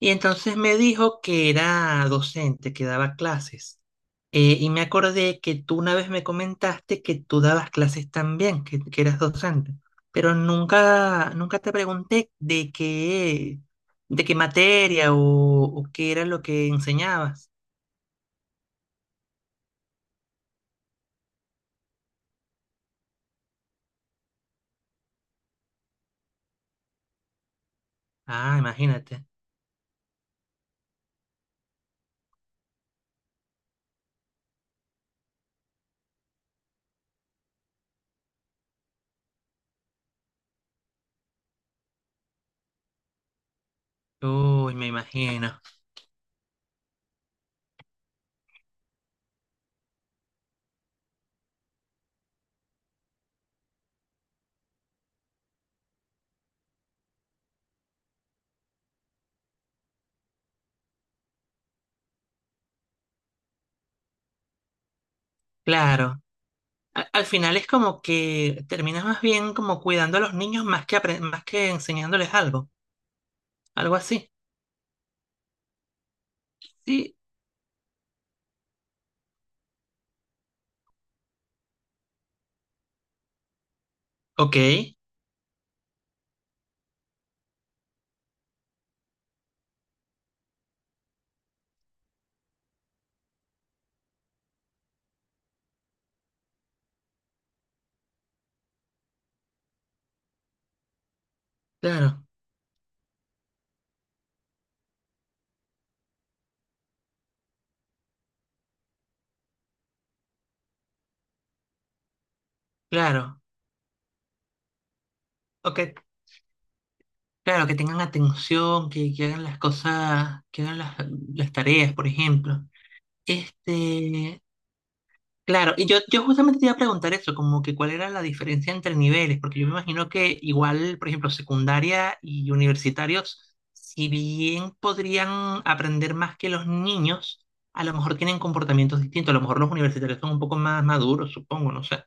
Y entonces me dijo que era docente, que daba clases. Y me acordé que tú una vez me comentaste que tú dabas clases también, que eras docente, pero nunca te pregunté de qué materia o qué era lo que enseñabas. Ah, imagínate. Uy, me imagino. Claro. Al final es como que terminas más bien como cuidando a los niños más que, más que enseñándoles algo, algo así. Sí, ok. Claro, claro. Ok, claro, que tengan atención, que hagan las cosas, que hagan las tareas, por ejemplo. Este, claro, y yo justamente te iba a preguntar eso, como que cuál era la diferencia entre niveles, porque yo me imagino que igual, por ejemplo, secundaria y universitarios, si bien podrían aprender más que los niños, a lo mejor tienen comportamientos distintos, a lo mejor los universitarios son un poco más maduros, supongo, no sé.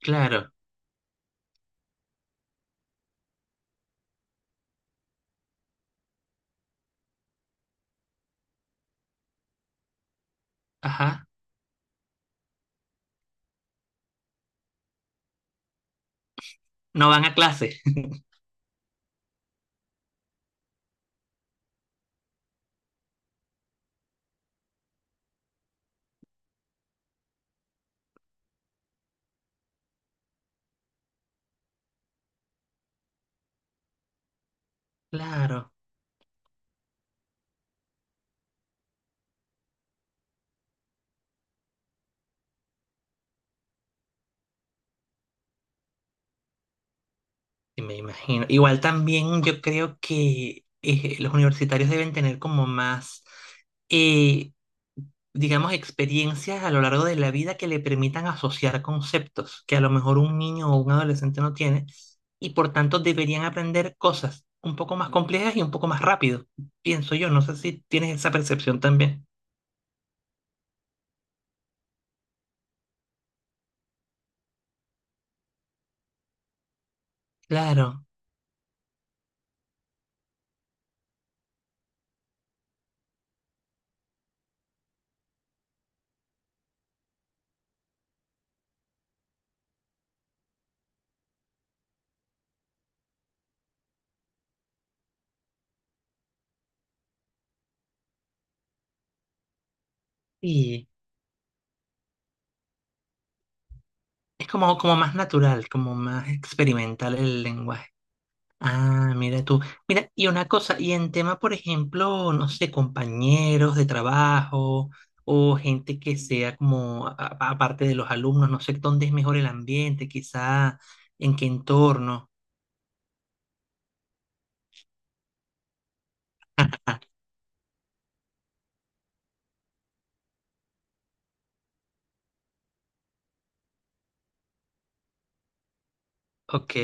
Claro, ajá, no van a clase. Claro. Sí, me imagino. Igual también yo creo que los universitarios deben tener como más, eh, digamos, experiencias a lo largo de la vida que le permitan asociar conceptos que a lo mejor un niño o un adolescente no tiene y por tanto deberían aprender cosas un poco más complejas y un poco más rápido, pienso yo. No sé si tienes esa percepción también. Claro, y es como, como más natural, como más experimental el lenguaje. Ah, mira tú. Mira, y una cosa, y en tema, por ejemplo, no sé, compañeros de trabajo o gente que sea como, aparte de los alumnos, no sé dónde es mejor el ambiente, quizá en qué entorno. Ok,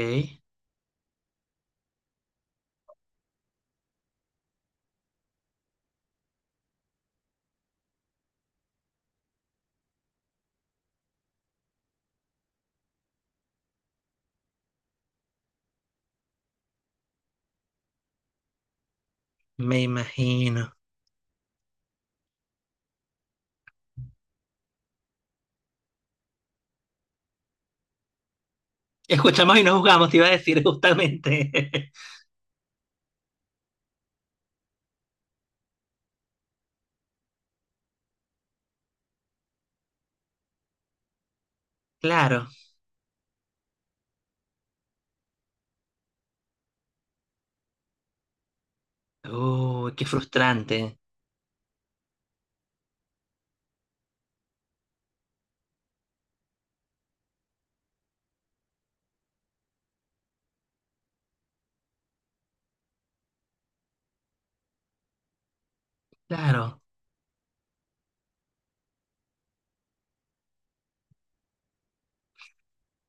me imagino. Escuchamos y no juzgamos, te iba a decir justamente. Claro. Uy, qué frustrante. Claro.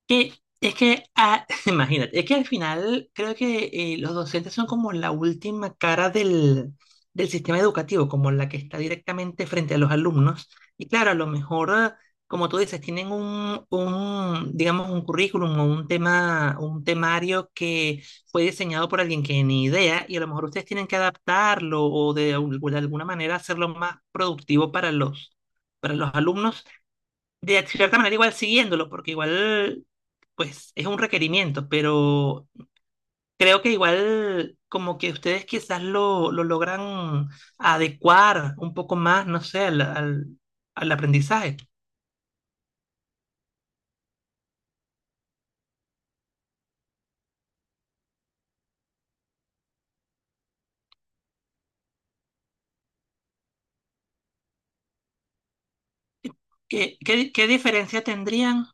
Que es que, ah, imagínate, es que al final creo que los docentes son como la última cara del, del sistema educativo, como la que está directamente frente a los alumnos. Y claro, a lo mejor, ah, como tú dices, tienen un, digamos, un currículum o un tema, un temario que fue diseñado por alguien que ni idea, y a lo mejor ustedes tienen que adaptarlo o de, de alguna manera hacerlo más productivo para los alumnos de cierta manera igual siguiéndolo, porque igual, pues es un requerimiento, pero creo que igual como que ustedes quizás lo logran adecuar un poco más, no sé, al, al, al aprendizaje. Qué diferencia tendrían?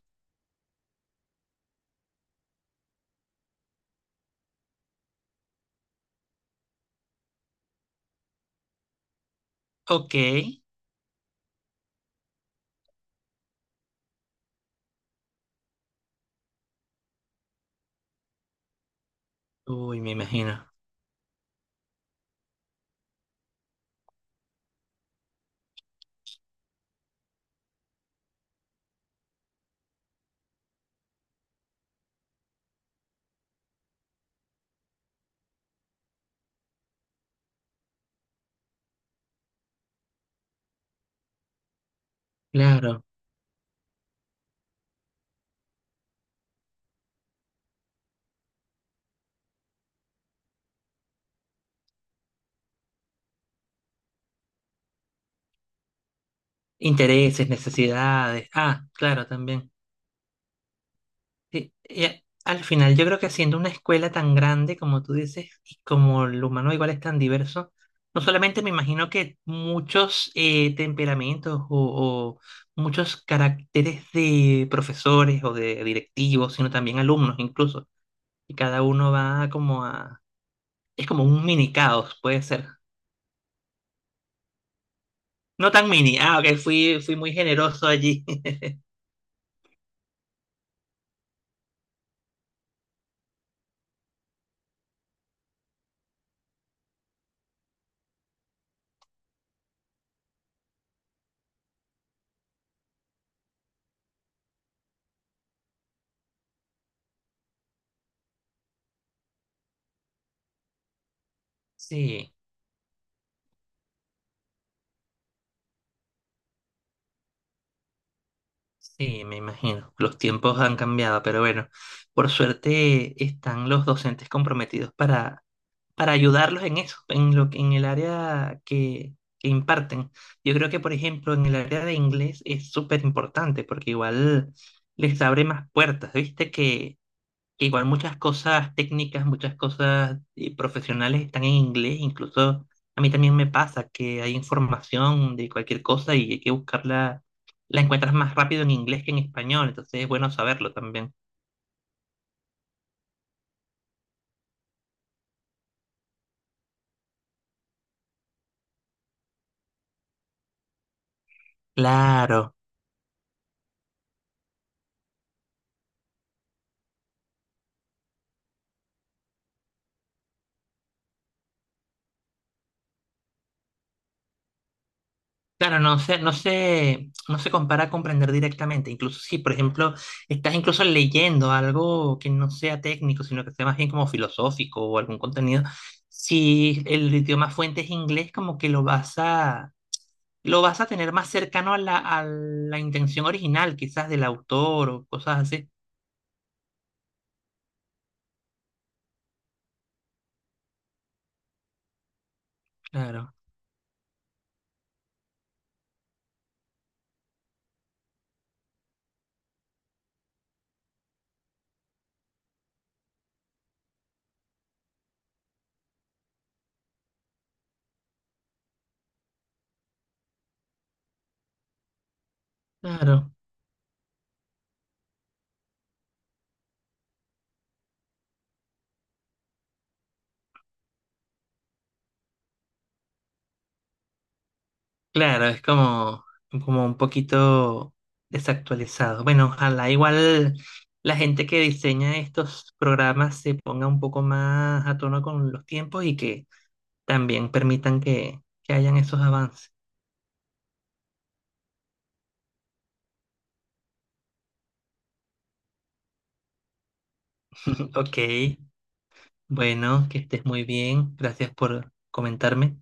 Ok, uy, me imagino. Claro. Intereses, necesidades. Ah, claro, también. Sí, al final yo creo que siendo una escuela tan grande como tú dices y como el humano igual es tan diverso, no solamente me imagino que muchos temperamentos o muchos caracteres de profesores o de directivos, sino también alumnos incluso, y cada uno va como a... es como un mini caos, puede ser. No tan mini, ah, ok, fui muy generoso allí. Sí. Sí, me imagino. Los tiempos han cambiado, pero bueno, por suerte están los docentes comprometidos para ayudarlos en eso, en lo, en el área que imparten. Yo creo que, por ejemplo, en el área de inglés es súper importante porque igual les abre más puertas. Viste que igual muchas cosas técnicas, muchas cosas profesionales están en inglés, incluso a mí también me pasa que hay información de cualquier cosa y hay que buscarla, la encuentras más rápido en inglés que en español, entonces es bueno saberlo también. Claro, claro, no se compara a comprender directamente, incluso si, por ejemplo, estás incluso leyendo algo que no sea técnico, sino que sea más bien como filosófico o algún contenido, si el idioma fuente es inglés, como que lo vas a tener más cercano a la intención original, quizás del autor o cosas así. Claro, claro, claro, es como, como un poquito desactualizado. Bueno, ojalá igual la gente que diseña estos programas se ponga un poco más a tono con los tiempos y que también permitan que hayan esos avances. Ok, bueno, que estés muy bien. Gracias por comentarme.